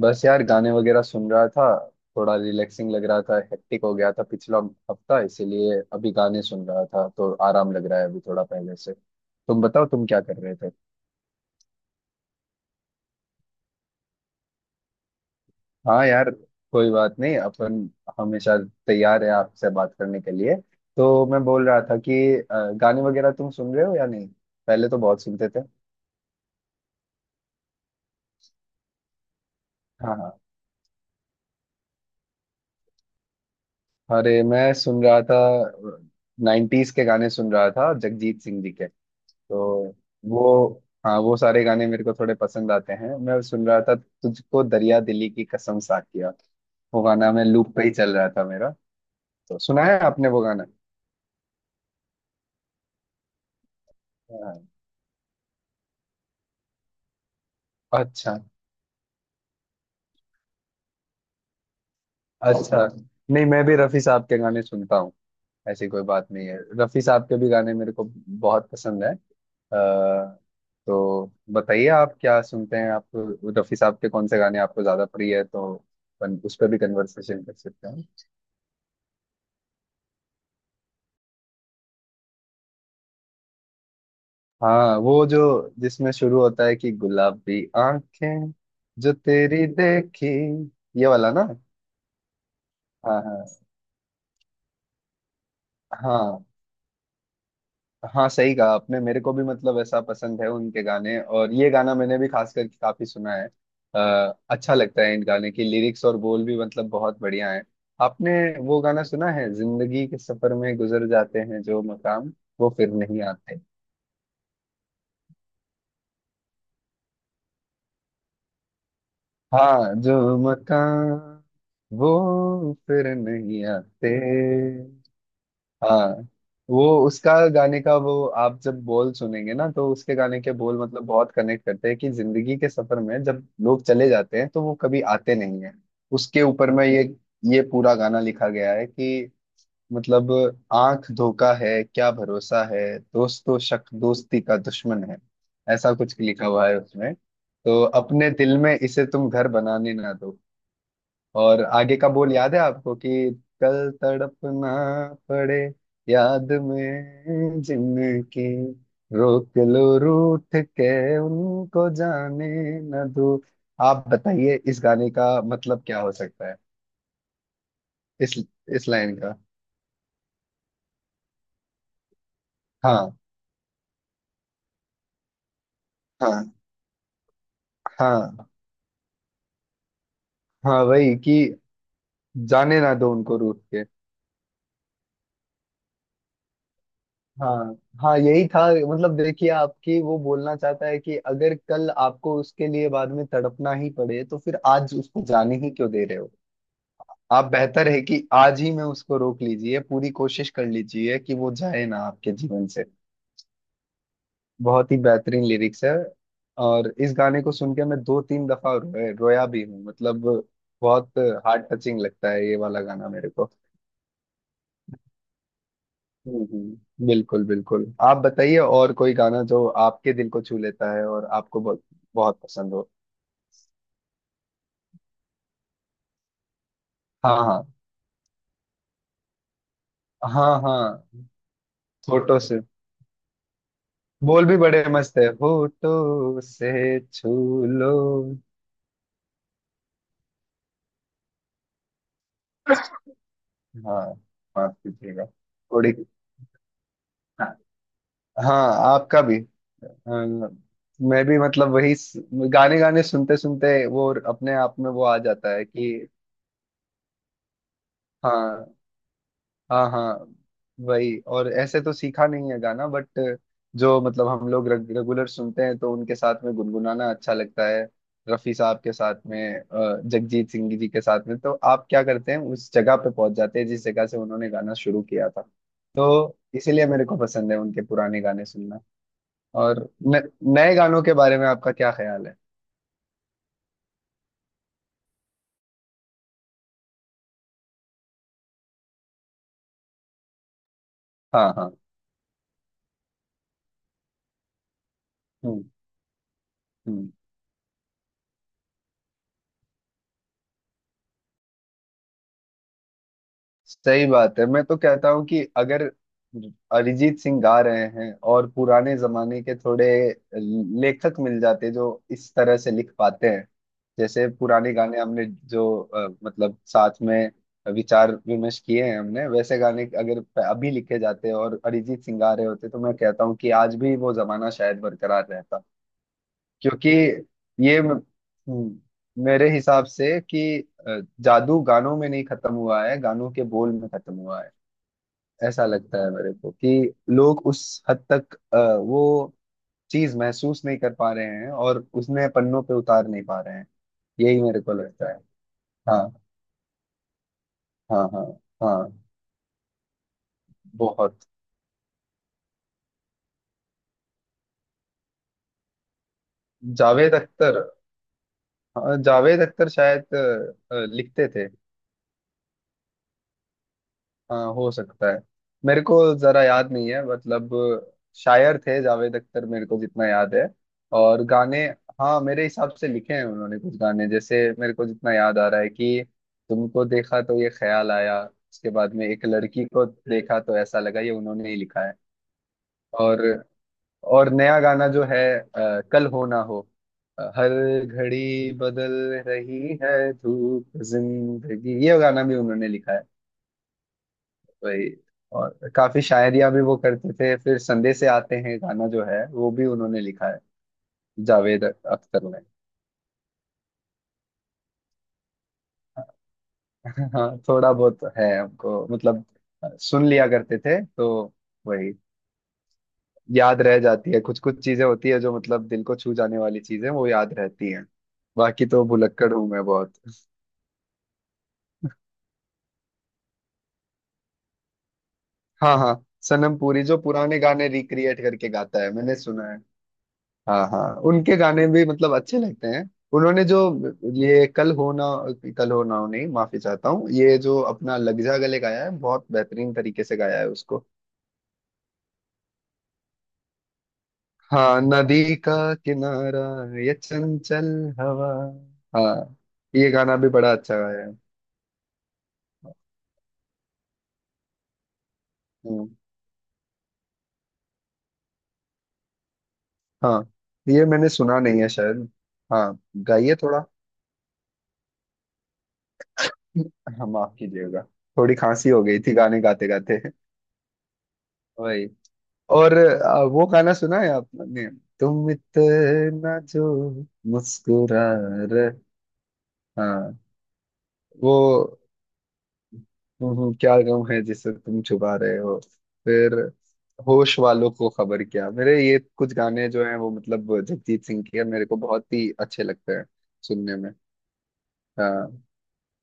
बस यार गाने वगैरह सुन रहा था। थोड़ा रिलैक्सिंग लग रहा था। हेक्टिक हो गया था पिछला हफ्ता, इसीलिए अभी गाने सुन रहा था तो आराम लग रहा है अभी थोड़ा पहले से। तुम बताओ तुम क्या कर रहे थे? हाँ यार, कोई बात नहीं, अपन हमेशा तैयार है आपसे बात करने के लिए। तो मैं बोल रहा था कि गाने वगैरह तुम सुन रहे हो या नहीं? पहले तो बहुत सुनते थे। हाँ हाँ। अरे मैं सुन रहा था, 90s के गाने सुन रहा था, जगजीत सिंह जी के। तो वो, हाँ, वो सारे गाने मेरे को थोड़े पसंद आते हैं। मैं सुन रहा था तुझको दरिया दिली की कसम साकिया। वो गाना मैं लूप पे ही चल रहा था मेरा। तो सुना है आपने वो गाना? हाँ। अच्छा अच्छा, नहीं मैं भी रफी साहब के गाने सुनता हूँ। ऐसी कोई बात नहीं है, रफी साहब के भी गाने मेरे को बहुत पसंद है तो बताइए आप क्या सुनते हैं? आप रफी साहब के कौन से गाने आपको ज्यादा प्रिय है, तो अपन उस पर भी कन्वर्सेशन कर सकते हैं। हाँ वो जो, जिसमें शुरू होता है कि गुलाबी आंखें, जो तेरी देखी। ये वाला ना? हाँ हाँ हाँ हाँ, सही कहा आपने, मेरे को भी मतलब ऐसा पसंद है उनके गाने, और ये गाना मैंने भी खास करके काफी सुना है। अच्छा लगता है, इन गाने की लिरिक्स और बोल भी मतलब बहुत बढ़िया है। आपने वो गाना सुना है, जिंदगी के सफर में गुजर जाते हैं जो मकाम वो फिर नहीं आते? हाँ जो मकान वो फिर नहीं आते। हाँ वो उसका गाने का, वो आप जब बोल सुनेंगे ना तो उसके गाने के बोल मतलब बहुत कनेक्ट करते हैं, कि जिंदगी के सफर में जब लोग चले जाते हैं तो वो कभी आते नहीं है। उसके ऊपर में ये पूरा गाना लिखा गया है कि मतलब, आंख धोखा है, क्या भरोसा है, दोस्त तो शक दोस्ती का दुश्मन है, ऐसा कुछ लिखा हुआ है उसमें। तो अपने दिल में इसे तुम घर बनाने ना दो। और आगे का बोल याद है आपको कि, कल तड़पना पड़े याद में जिनकी, रोक लो रूठ के उनको जाने ना दो। आप बताइए इस गाने का मतलब क्या हो सकता है? इस इस लाइन का? हाँ हाँ हाँ हाँ, वही कि जाने ना दो उनको रूठ के। हाँ हाँ यही था। मतलब देखिए, आपकी वो बोलना चाहता है कि अगर कल आपको उसके लिए बाद में तड़पना ही पड़े, तो फिर आज उसको जाने ही क्यों दे रहे हो? आप बेहतर है कि आज ही में उसको रोक लीजिए, पूरी कोशिश कर लीजिए कि वो जाए ना आपके जीवन से। बहुत ही बेहतरीन लिरिक्स है। और इस गाने को सुन के मैं दो तीन दफा रोया रोया भी हूँ मतलब। बहुत हार्ट टचिंग लगता है ये वाला गाना मेरे को। बिल्कुल बिल्कुल। आप बताइए और कोई गाना, जो आपके दिल को छू लेता है और आपको बहुत बहुत पसंद हो? हाँ हाँ हाँ हाँ, होठों से। बोल भी बड़े मस्त है, होठों से छू लो। हाँ माफ कीजिएगा थोड़ी। हाँ, हाँ, आपका भी। अ, मैं भी मतलब वही गाने गाने सुनते सुनते वो अपने आप में वो आ जाता है कि। हाँ हाँ हाँ, वही। और ऐसे तो सीखा नहीं है गाना, बट जो मतलब हम लोग रेगुलर सुनते हैं, तो उनके साथ में गुनगुनाना अच्छा लगता है। रफी साहब के साथ में, जगजीत सिंह जी के साथ में तो आप क्या करते हैं, उस जगह पे पहुंच जाते हैं जिस जगह से उन्होंने गाना शुरू किया था। तो इसीलिए मेरे को पसंद है उनके पुराने गाने सुनना। और न, नए गानों के बारे में आपका क्या ख्याल है? हाँ हाँ हम्म हम्म। सही बात है, मैं तो कहता हूँ कि अगर अरिजीत सिंह गा रहे हैं, और पुराने जमाने के थोड़े लेखक मिल जाते जो इस तरह से लिख पाते हैं, जैसे पुराने गाने हमने जो मतलब साथ में विचार विमर्श किए हैं हमने, वैसे गाने अगर अभी लिखे जाते और अरिजीत सिंह गा रहे होते, तो मैं कहता हूँ कि आज भी वो जमाना शायद बरकरार रहता। क्योंि ये म- म- मेरे हिसाब से कि जादू गानों में नहीं खत्म हुआ है, गानों के बोल में खत्म हुआ है। ऐसा लगता है मेरे को कि लोग उस हद तक वो चीज महसूस नहीं कर पा रहे हैं और उसने पन्नों पे उतार नहीं पा रहे हैं। यही मेरे को लगता है। हाँ हाँ हाँ हाँ, बहुत। जावेद अख्तर, हाँ, जावेद अख्तर शायद लिखते थे। हाँ हो सकता है। मेरे को जरा याद नहीं है मतलब, शायर थे जावेद अख्तर मेरे को जितना याद है। और गाने, हाँ मेरे हिसाब से लिखे हैं उन्होंने कुछ गाने, जैसे मेरे को जितना याद आ रहा है कि, तुमको देखा तो ये ख्याल आया, उसके बाद में एक लड़की को देखा तो ऐसा लगा, ये उन्होंने ही लिखा है। और और नया गाना जो है कल हो ना हो, हर घड़ी बदल रही है धूप जिंदगी, ये गाना भी उन्होंने लिखा है वही। और काफी शायरियां भी वो करते थे, फिर संदेश से आते हैं गाना जो है वो भी उन्होंने लिखा है, जावेद अख्तर ने। हाँ, थोड़ा बहुत है हमको मतलब, सुन लिया करते थे तो वही, याद रह जाती है। कुछ कुछ चीजें होती है जो मतलब दिल को छू जाने वाली चीजें वो याद रहती हैं। बाकी तो भुलक्कड़ हूं मैं बहुत। हाँ हाँ। सनम पुरी जो पुराने गाने रिक्रिएट करके गाता है मैंने सुना। हाँ हाँ, उनके गाने भी मतलब अच्छे लगते हैं। उन्होंने जो ये कल हो ना हो, नहीं माफी चाहता हूँ, ये जो अपना लग जा गले गाया है बहुत बेहतरीन तरीके से गाया है उसको। हाँ नदी का किनारा, ये चंचल हवा। हाँ ये गाना भी बड़ा अच्छा गाया है। हम्म, हाँ ये मैंने सुना नहीं है शायद। हाँ गाइए थोड़ा। हाँ माफ कीजिएगा, थोड़ी खांसी हो गई थी गाने गाते गाते, वही। और वो गाना सुना है आपने, तुम इतना जो मुस्कुरा रहे? हाँ वो, क्या गम है जिसे तुम छुपा रहे हो। फिर होश वालों को खबर क्या मेरे, ये कुछ गाने जो हैं वो मतलब जगजीत सिंह के मेरे को बहुत ही अच्छे लगते हैं सुनने में। हाँ,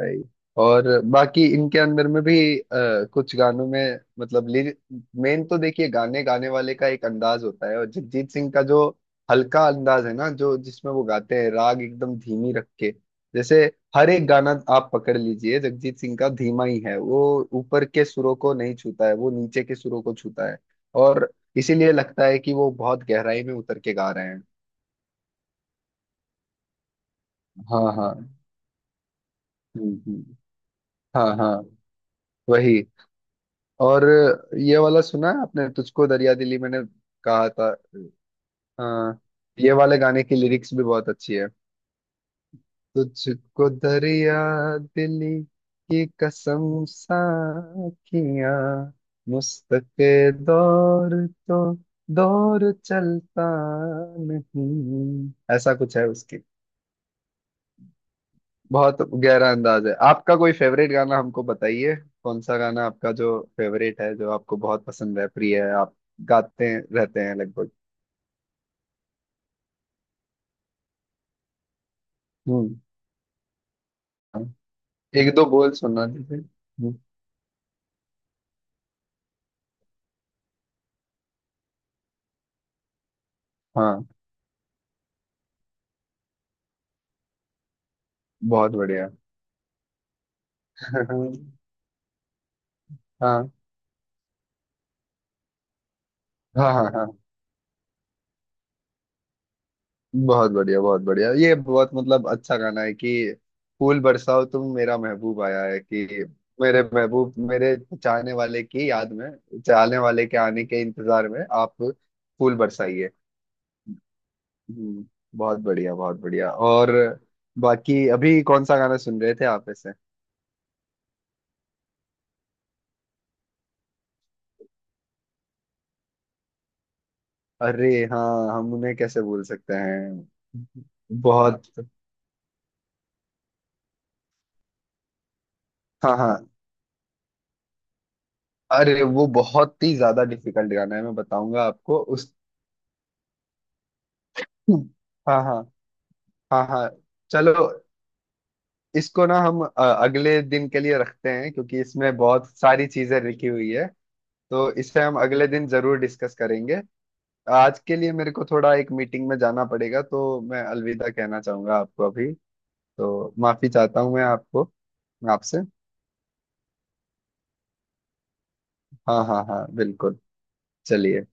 भाई। और बाकी इनके अंदर में भी कुछ गानों में मतलब, मेन तो देखिए गाने गाने वाले का एक अंदाज होता है, और जगजीत सिंह का जो हल्का अंदाज है ना, जो जिसमें वो गाते हैं राग एकदम धीमी रख के। जैसे हर एक गाना आप पकड़ लीजिए जगजीत सिंह का, धीमा ही है वो, ऊपर के सुरों को नहीं छूता है वो, नीचे के सुरों को छूता है। और इसीलिए लगता है कि वो बहुत गहराई में उतर के गा रहे हैं। हाँ हाँ हम्म। हाँ हाँ, वही। और ये वाला सुना है आपने, तुझको दरिया दिली, मैंने कहा था। हाँ, ये वाले गाने की लिरिक्स भी बहुत अच्छी है। तुझको दरिया दिली की कसम साखियां, मुश्क दौर तो दौर चलता नहीं, ऐसा कुछ है। बहुत गहरा अंदाज है आपका, कोई फेवरेट गाना हमको बताइए, कौन सा गाना आपका जो फेवरेट है, जो आपको बहुत पसंद है, प्रिय है, आप गाते हैं रहते हैं लगभग? हम्म, हाँ। एक दो बोल सुना दीजिए, हाँ। बहुत बढ़िया। हाँ हाँ हाँ हाँ, बहुत बढ़िया बहुत बढ़िया। ये बहुत मतलब अच्छा गाना है कि, फूल बरसाओ तुम मेरा महबूब आया है, कि मेरे महबूब, मेरे चाहने वाले की याद में, चाहने वाले के आने के इंतजार में आप फूल बरसाइए। हम्म, बहुत बढ़िया बहुत बढ़िया। और बाकी अभी कौन सा गाना सुन रहे थे आप ऐसे? अरे हाँ, हम उन्हें कैसे भूल सकते हैं, बहुत। हाँ हाँ। अरे वो बहुत ही ज्यादा डिफिकल्ट गाना है, मैं बताऊंगा आपको उस। हाँ हाँ हाँ हाँ। चलो, इसको ना हम अगले दिन के लिए रखते हैं, क्योंकि इसमें बहुत सारी चीजें लिखी हुई है। तो इसे हम अगले दिन जरूर डिस्कस करेंगे। आज के लिए मेरे को थोड़ा एक मीटिंग में जाना पड़ेगा, तो मैं अलविदा कहना चाहूंगा आपको अभी। तो माफी चाहता हूँ मैं आपको। आपसे। हाँ हाँ हाँ बिल्कुल। चलिए।